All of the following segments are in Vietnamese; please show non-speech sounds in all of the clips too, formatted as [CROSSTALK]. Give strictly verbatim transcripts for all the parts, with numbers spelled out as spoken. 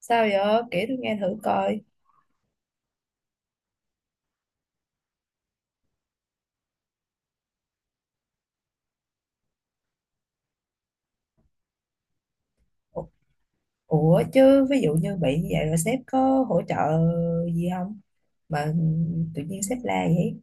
Sao vậy? Kể tôi nghe thử coi. Ủa ủa chứ ví dụ như bị như vậy rồi sếp có hỗ trợ gì không? Mà tự nhiên sếp la vậy.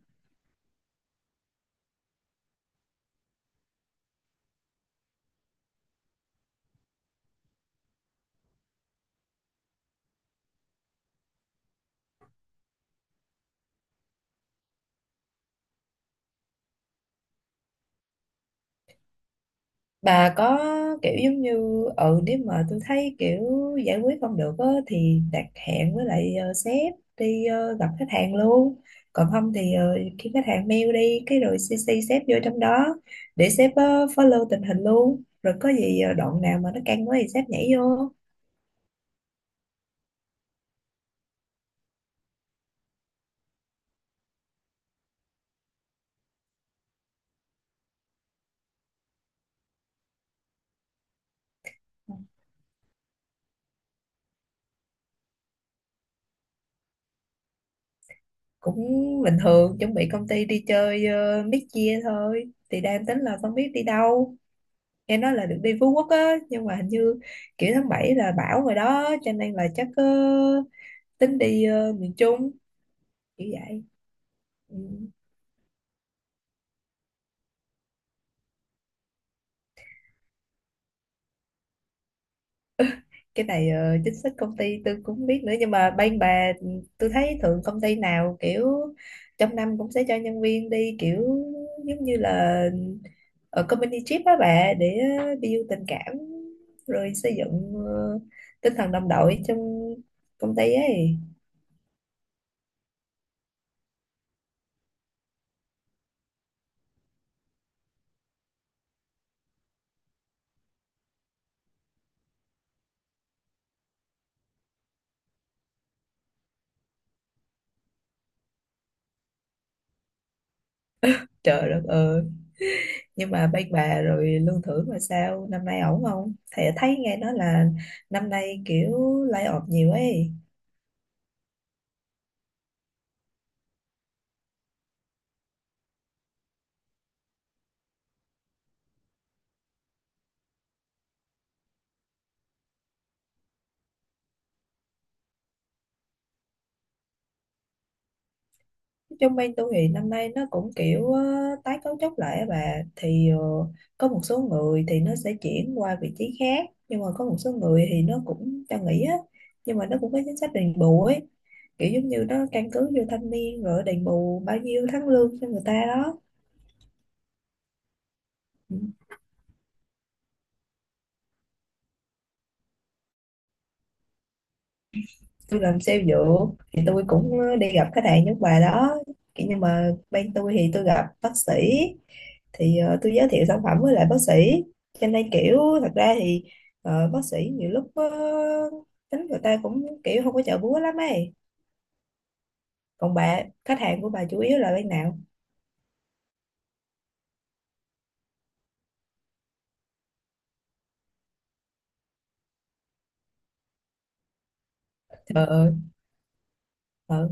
Bà có kiểu giống như, ừ nếu mà tôi thấy kiểu giải quyết không được á, thì đặt hẹn với lại ờ, sếp đi ờ, gặp khách hàng luôn. Còn không thì ờ, khi khách hàng mail đi cái rồi xê xê sếp vô trong đó để sếp ờ, follow tình hình luôn. Rồi có gì ờ, đoạn nào mà nó căng quá thì sếp nhảy vô. Cũng bình thường, chuẩn bị công ty đi chơi uh, mid-year thôi, thì đang tính là không biết đi đâu. Nghe nói là được đi Phú Quốc á, nhưng mà hình như kiểu tháng bảy là bão rồi đó, cho nên là chắc ờ, tính đi ờ, miền Trung kiểu vậy. Ừ. Cái này ờ, chính sách công ty tôi cũng không biết nữa, nhưng mà bên bà tôi thấy thường công ty nào kiểu trong năm cũng sẽ cho nhân viên đi, kiểu giống như là ở company trip á bà, để build tình cảm rồi xây dựng ờ, tinh thần đồng đội trong công ty ấy. Trời đất ơi, nhưng mà bên bà rồi lương thưởng mà sao, năm nay ổn không? Thì thấy nghe nói là năm nay kiểu lay off nhiều ấy. Trong bên tôi thì năm nay nó cũng kiểu ờ, tái cấu trúc lại á bà, thì ờ, có một số người thì nó sẽ chuyển qua vị trí khác, nhưng mà có một số người thì nó cũng cho nghỉ á, nhưng mà nó cũng có chính sách đền bù ấy, kiểu giống như nó căn cứ vô thâm niên rồi đền bù bao nhiêu tháng lương cho người ta đó. Ừ. Tôi làm sale dược thì tôi cũng ờ, đi gặp khách hàng nước ngoài đó. Kiểu nhưng mà bên tôi thì tôi gặp bác sĩ, thì ờ, tôi giới thiệu sản phẩm với lại bác sĩ, cho nên kiểu thật ra thì ờ, bác sĩ nhiều lúc ờ, tính người ta cũng kiểu không có chợ búa lắm ấy. Còn bà khách hàng của bà chủ yếu là bên nào? Ờ. Ờ.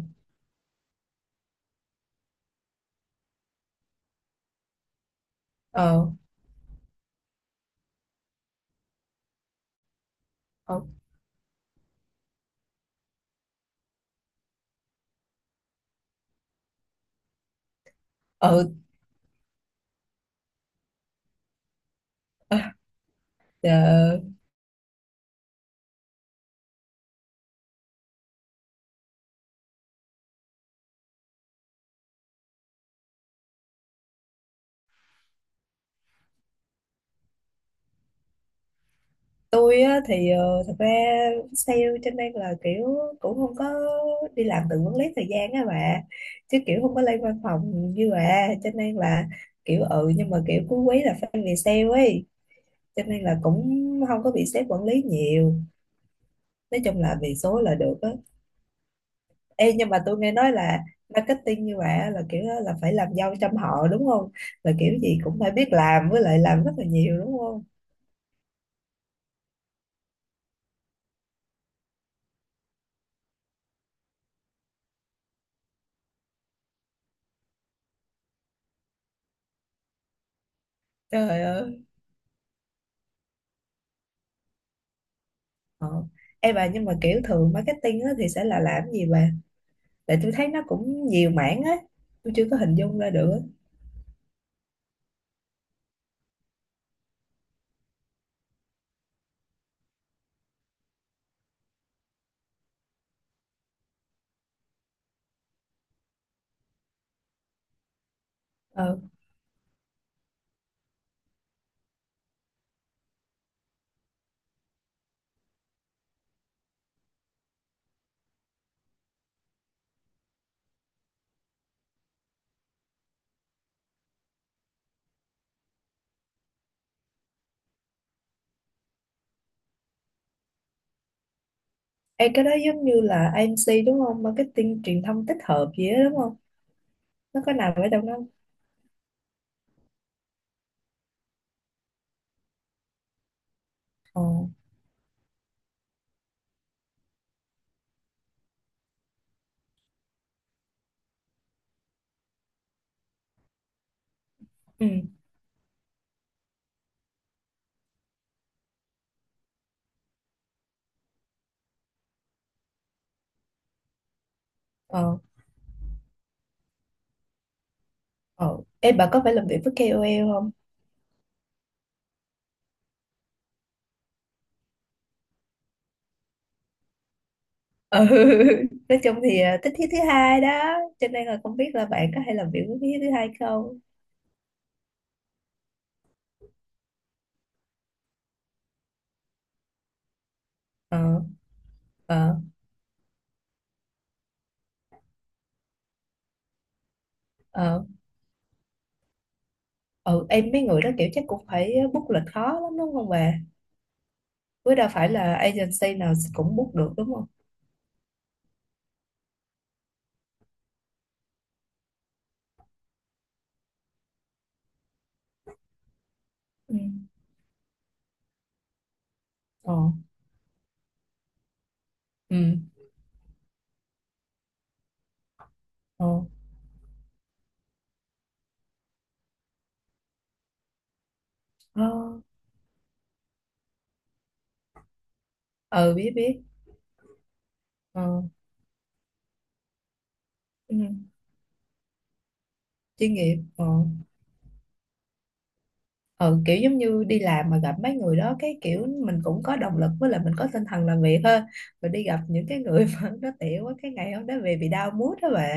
Ờ. Ờ. Ờ. Ờ. Ờ. Tôi á, thì ờ, thật ra sale cho nên là kiểu cũng không có đi làm, tự quản lý thời gian á bà, chứ kiểu không có lên văn phòng như bà, cho nên là kiểu, ừ nhưng mà kiểu cuối quý là phải về sale ấy, cho nên là cũng không có bị sếp quản lý nhiều. Nói chung là về số là được á. Ê, nhưng mà tôi nghe nói là marketing như bà á, là kiểu á, là phải làm dâu trăm họ đúng không? Là kiểu gì cũng phải biết làm với lại làm rất là nhiều đúng không? Trời ơi. Ờ. Ê bà, nhưng mà kiểu thường marketing á, thì sẽ là làm gì bà? Tại tôi thấy nó cũng nhiều mảng á, tôi chưa có hình dung ra được á. Ờ. Ê cái đó giống như là a em xê đúng không? Marketing truyền thông tích hợp gì đó đúng không? Nó có nằm ở trong đó không? Ờ. Ừ. Ờ. Ờ. Ê bà có phải làm việc với ca ô lờ không? Ừ. [LAUGHS] Nói chung thì à, thích thiết thứ hai đó, cho nên là không biết là bạn có hay làm việc với thiết thứ hai không? Ờ. Ờ. Ờ. Ờ. Em, mấy người đó kiểu chắc cũng phải book lịch khó lắm đúng không bà? Với đâu phải là agency nào cũng book được đúng không? Ừ. Ờ. Ừ. Ờ. Ờ. Ờ, biết biết. Ờ. Ừ. Chuyên nghiệp. Ờ. Ờ. Kiểu giống như đi làm mà gặp mấy người đó cái kiểu mình cũng có động lực, với lại mình có tinh thần làm việc hơn. Rồi đi gặp những cái người [LAUGHS] mà nó tiểu quá, cái ngày hôm đó về bị đau mood đó bà.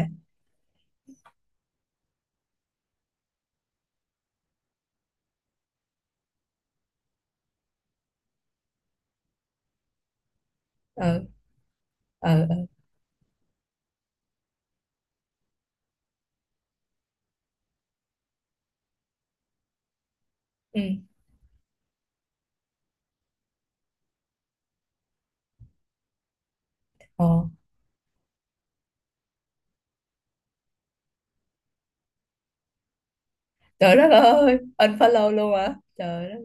Ờ. Ờ. Ờ. Ừ. Ờ. Trời đất ơi, unfollow luôn hả? Trời đất.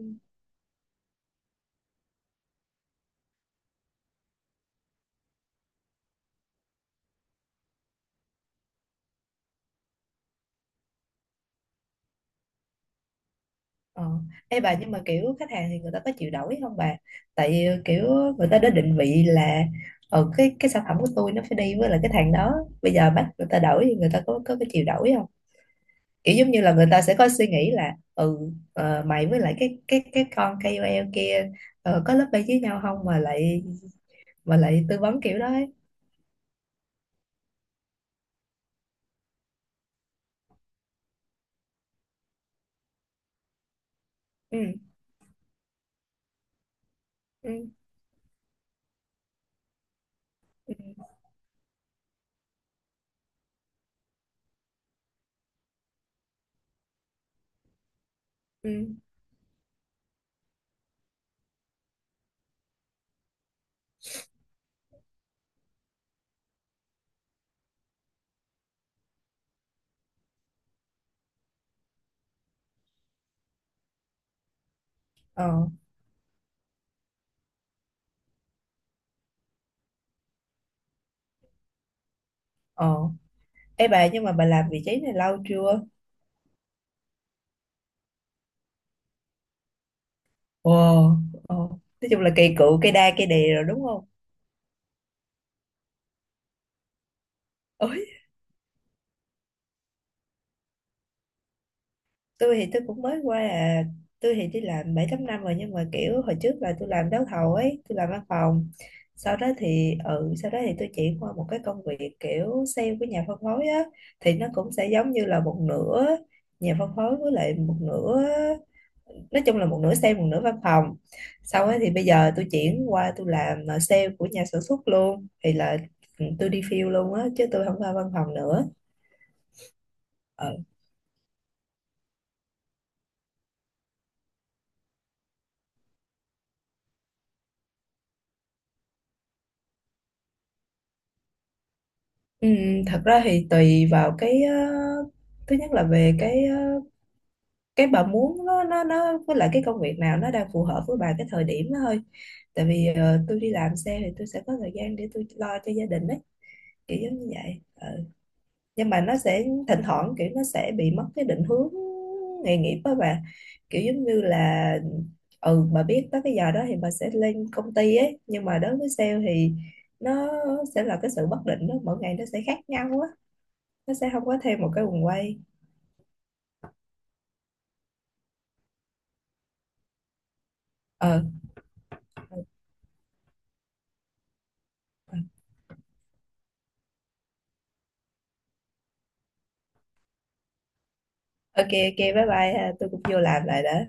Ờ. Ê bà, nhưng mà kiểu khách hàng thì người ta có chịu đổi không bà? Tại vì kiểu người ta đã định vị là ờ cái cái sản phẩm của tôi nó phải đi với là cái thằng đó. Bây giờ bắt người ta đổi thì người ta có có cái chịu đổi không? Kiểu giống như là người ta sẽ có suy nghĩ là ừ ờ, mày với lại cái cái cái con ca ô lờ kia ờ, có lớp bay với nhau không, mà lại mà lại tư vấn kiểu đó ấy. Ừ. Ừ. Ừ. Ừ. Ờ. Ờ. Ê bà, nhưng mà bà làm vị trí này lâu chưa? Ồ. Ờ. Nói chung là cây cựu, cây đa cây đề rồi đúng không? Ôi, tôi thì tôi cũng mới qua à, tôi thì đi làm bảy tám năm rồi, nhưng mà kiểu hồi trước là tôi làm đấu thầu ấy, tôi làm văn phòng. Sau đó thì ừ, sau đó thì tôi chuyển qua một cái công việc kiểu sale với nhà phân phối á, thì nó cũng sẽ giống như là một nửa nhà phân phối với lại một nửa, nói chung là một nửa sale một nửa văn phòng. Sau ấy thì bây giờ tôi chuyển qua tôi làm à, sale của nhà sản xuất luôn, thì là ừ, tôi đi field luôn á chứ tôi không qua văn phòng nữa. Ừ. Ừ, thật ra thì tùy vào cái ờ, thứ nhất là về cái ờ, cái bà muốn nó nó nó với lại cái công việc nào nó đang phù hợp với bà cái thời điểm đó thôi. Tại vì ờ, tôi đi làm xe thì tôi sẽ có thời gian để tôi lo cho gia đình ấy, kiểu giống như vậy. Ờ. Nhưng mà nó sẽ thỉnh thoảng kiểu nó sẽ bị mất cái định hướng nghề nghiệp đó bà, kiểu giống như là ừ bà biết tới cái giờ đó thì bà sẽ lên công ty ấy, nhưng mà đối với sale thì nó sẽ là cái sự bất định đó, mỗi ngày nó sẽ khác nhau á. Nó sẽ không có thêm một cái guồng quay. Ờ. Ờ. Ờ. OK OK, bye bye ha. Tôi cũng vô làm lại đã.